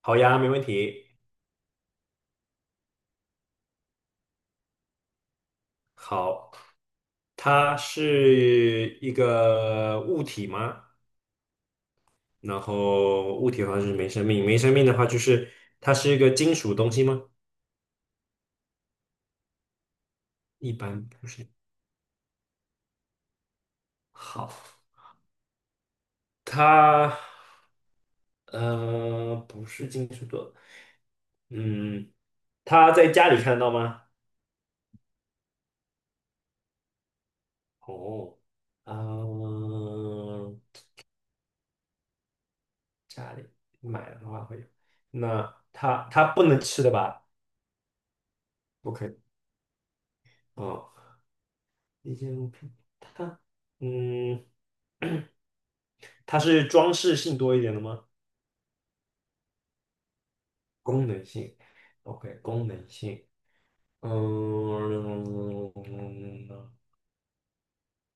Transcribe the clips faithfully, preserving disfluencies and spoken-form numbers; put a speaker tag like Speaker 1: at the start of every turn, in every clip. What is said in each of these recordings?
Speaker 1: 好呀，没问题。好，它是一个物体吗？然后物体的话就是没生命，没生命的话就是它是一个金属东西吗？一般不是。好，它呃不是金属的。嗯，它在家里看得到吗？哦，嗯、家里买的话会有。那它它不能吃的吧？不可以。哦。一件物品，它，嗯，它是装饰性多一点的吗？功能性，OK，功能性。嗯，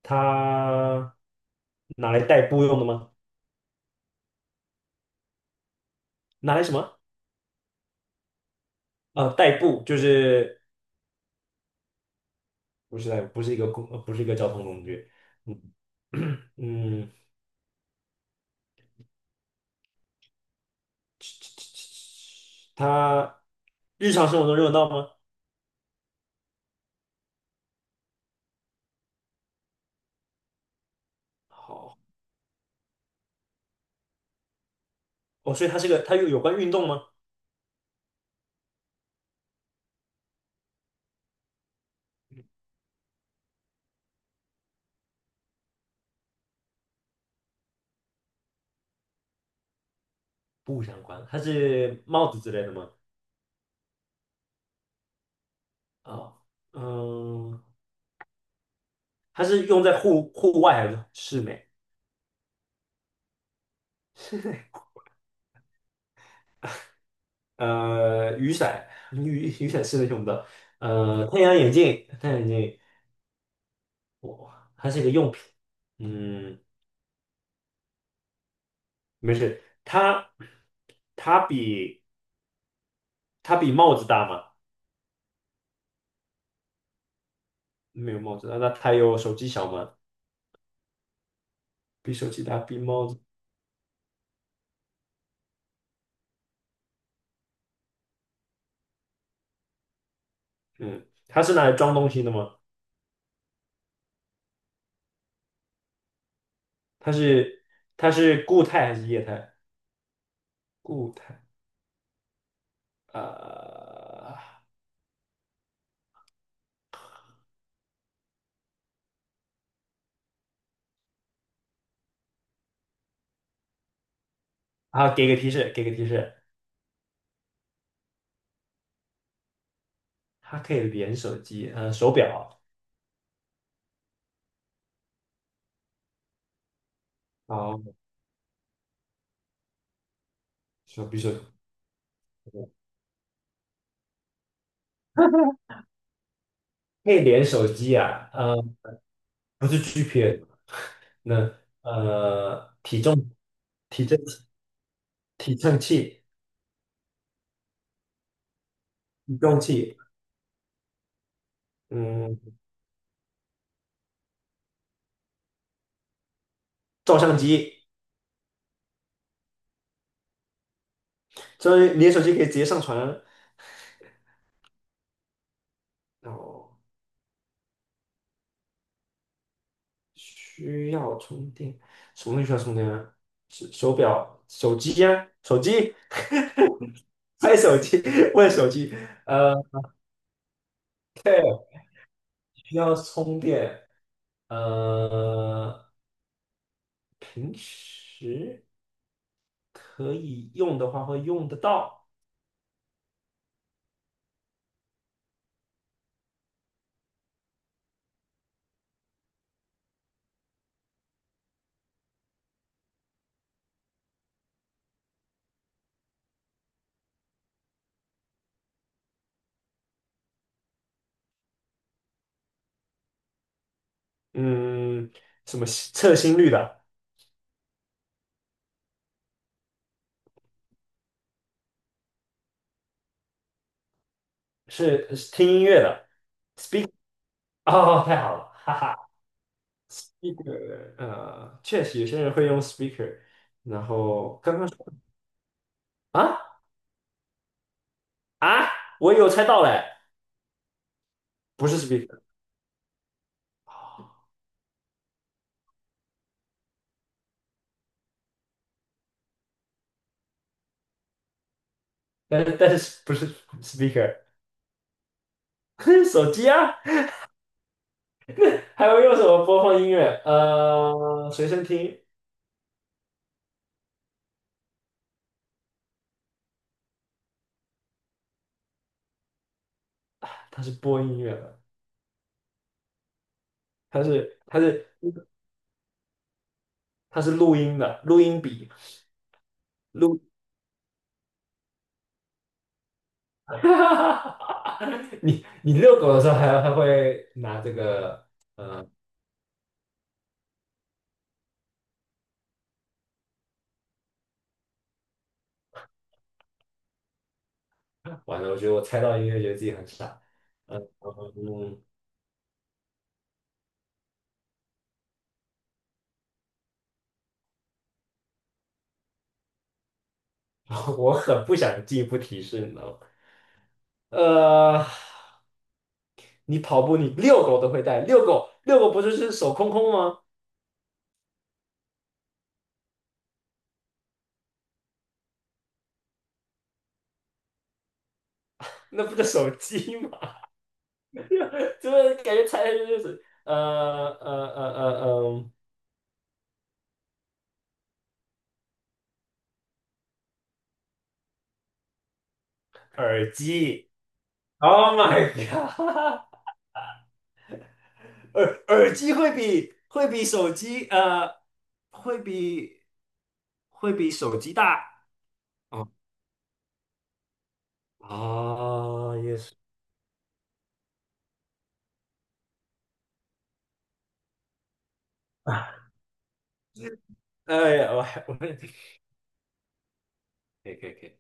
Speaker 1: 它拿来代步用的吗？拿来什么？呃，代步就是不是代步，不是一个工，呃不是一个交通工具。嗯。 嗯，它日常生活中用得到吗？好，哦，所以它是个，它有有关运动吗？不相关，它是帽子之类的吗？哦，嗯，它是用在户户外还是室内？呃，雨伞，雨雨伞是能用的。呃，太阳眼镜，太阳眼镜，哇，它是一个用品。嗯，没事。它它比它比帽子大吗？没有帽子大，那它有手机小吗？比手机大，比帽子。嗯，它是拿来装东西的吗？它是它是固态还是液态？固态。呃，啊，给个提示，给个提示。它可以连手机。呃，手表哦，手比手，可以连手机啊。呃，不是 g p S。那呃，体重、体重、体称器、体重器。嗯，照相机，所以你的手机可以直接上传，然后需要充电。什么东西需要充电啊？手手表、手机呀、手机拍手机，问手机。呃，需要充电，呃。平时可以用的话会用得到。嗯，什么测心率的，是是听音乐的。哦，太好了，哈哈，speaker。呃，确实有些人会用 speaker，然后刚刚说啊啊，我有猜到嘞，不是 speaker。哦，但是但是不是 speaker。手机啊，还会用什么播放音乐？呃，随身听。它是播音乐的，它是它是它是录音的，录音笔。撸，你你遛狗的时候还还会拿这个？完了，我觉得我猜到音乐，觉得自己很傻。嗯，我很不想进一步提示，你知道吗？呃，你跑步，你遛狗都会带，遛狗遛狗不就是手空空吗？那不就手机吗？就是感觉猜下去就是呃呃呃呃呃，耳机。Oh my god！耳耳机会比会比手机呃会比会比手机大。哦，啊也是。哎呀，我还我还可以，可以可以。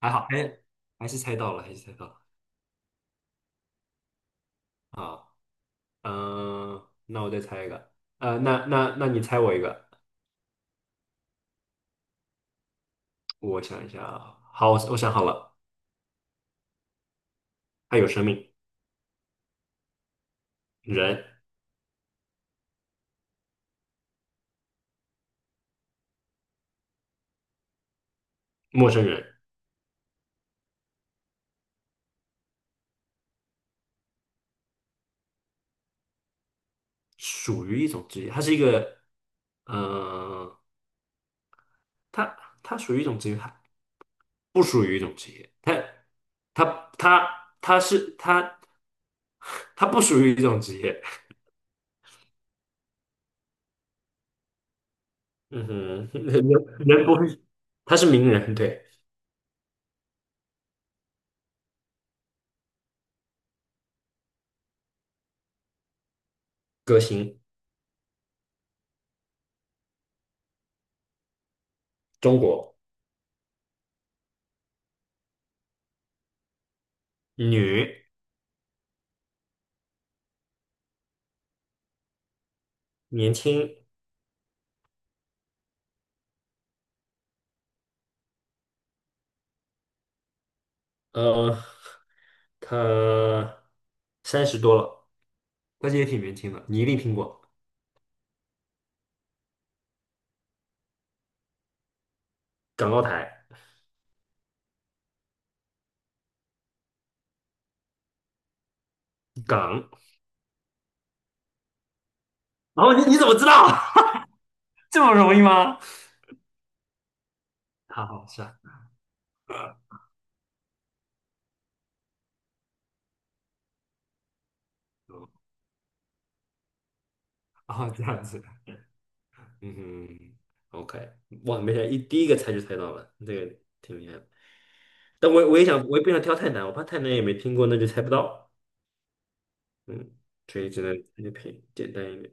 Speaker 1: 还好哎，还是猜到了，还是猜到了。好。嗯、那我再猜一个。呃那那那你猜我一个。我想一下啊，好我我想好了。它有生命。人。陌生人。属于一种职业。它是一个嗯、呃它它属于一种职业，不属于一种职业。他他他他是他他不属于一种职业。嗯哼。人人不是，他是名人，对。歌星。中国女。年轻。呃，他三十多了，但是也挺年轻的，你一定听过。港澳台。港。然后你你怎么知道？这么容易吗？好好，是啊。 然这样子。嗯哼，OK，哇，没想一第一个猜就猜到了，这个挺厉害的。但我我也想，我也不想挑太难，我怕太难也没听过，那就猜不到。嗯，所以只能那就偏简单一点。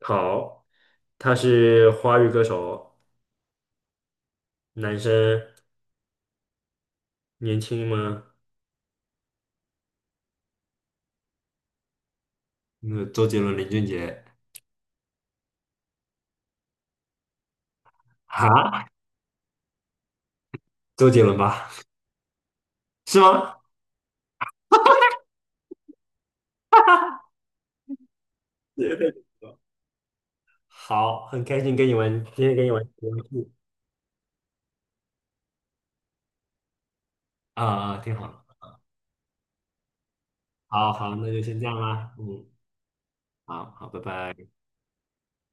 Speaker 1: 好，他是华语歌手，男生，年轻吗？那周杰伦、林俊杰啊，周杰伦吧？是吗？对。好，很开心跟你玩，今天跟你玩这个游戏。啊、啊，挺好。好好，那就先这样啦。嗯，好好，拜拜。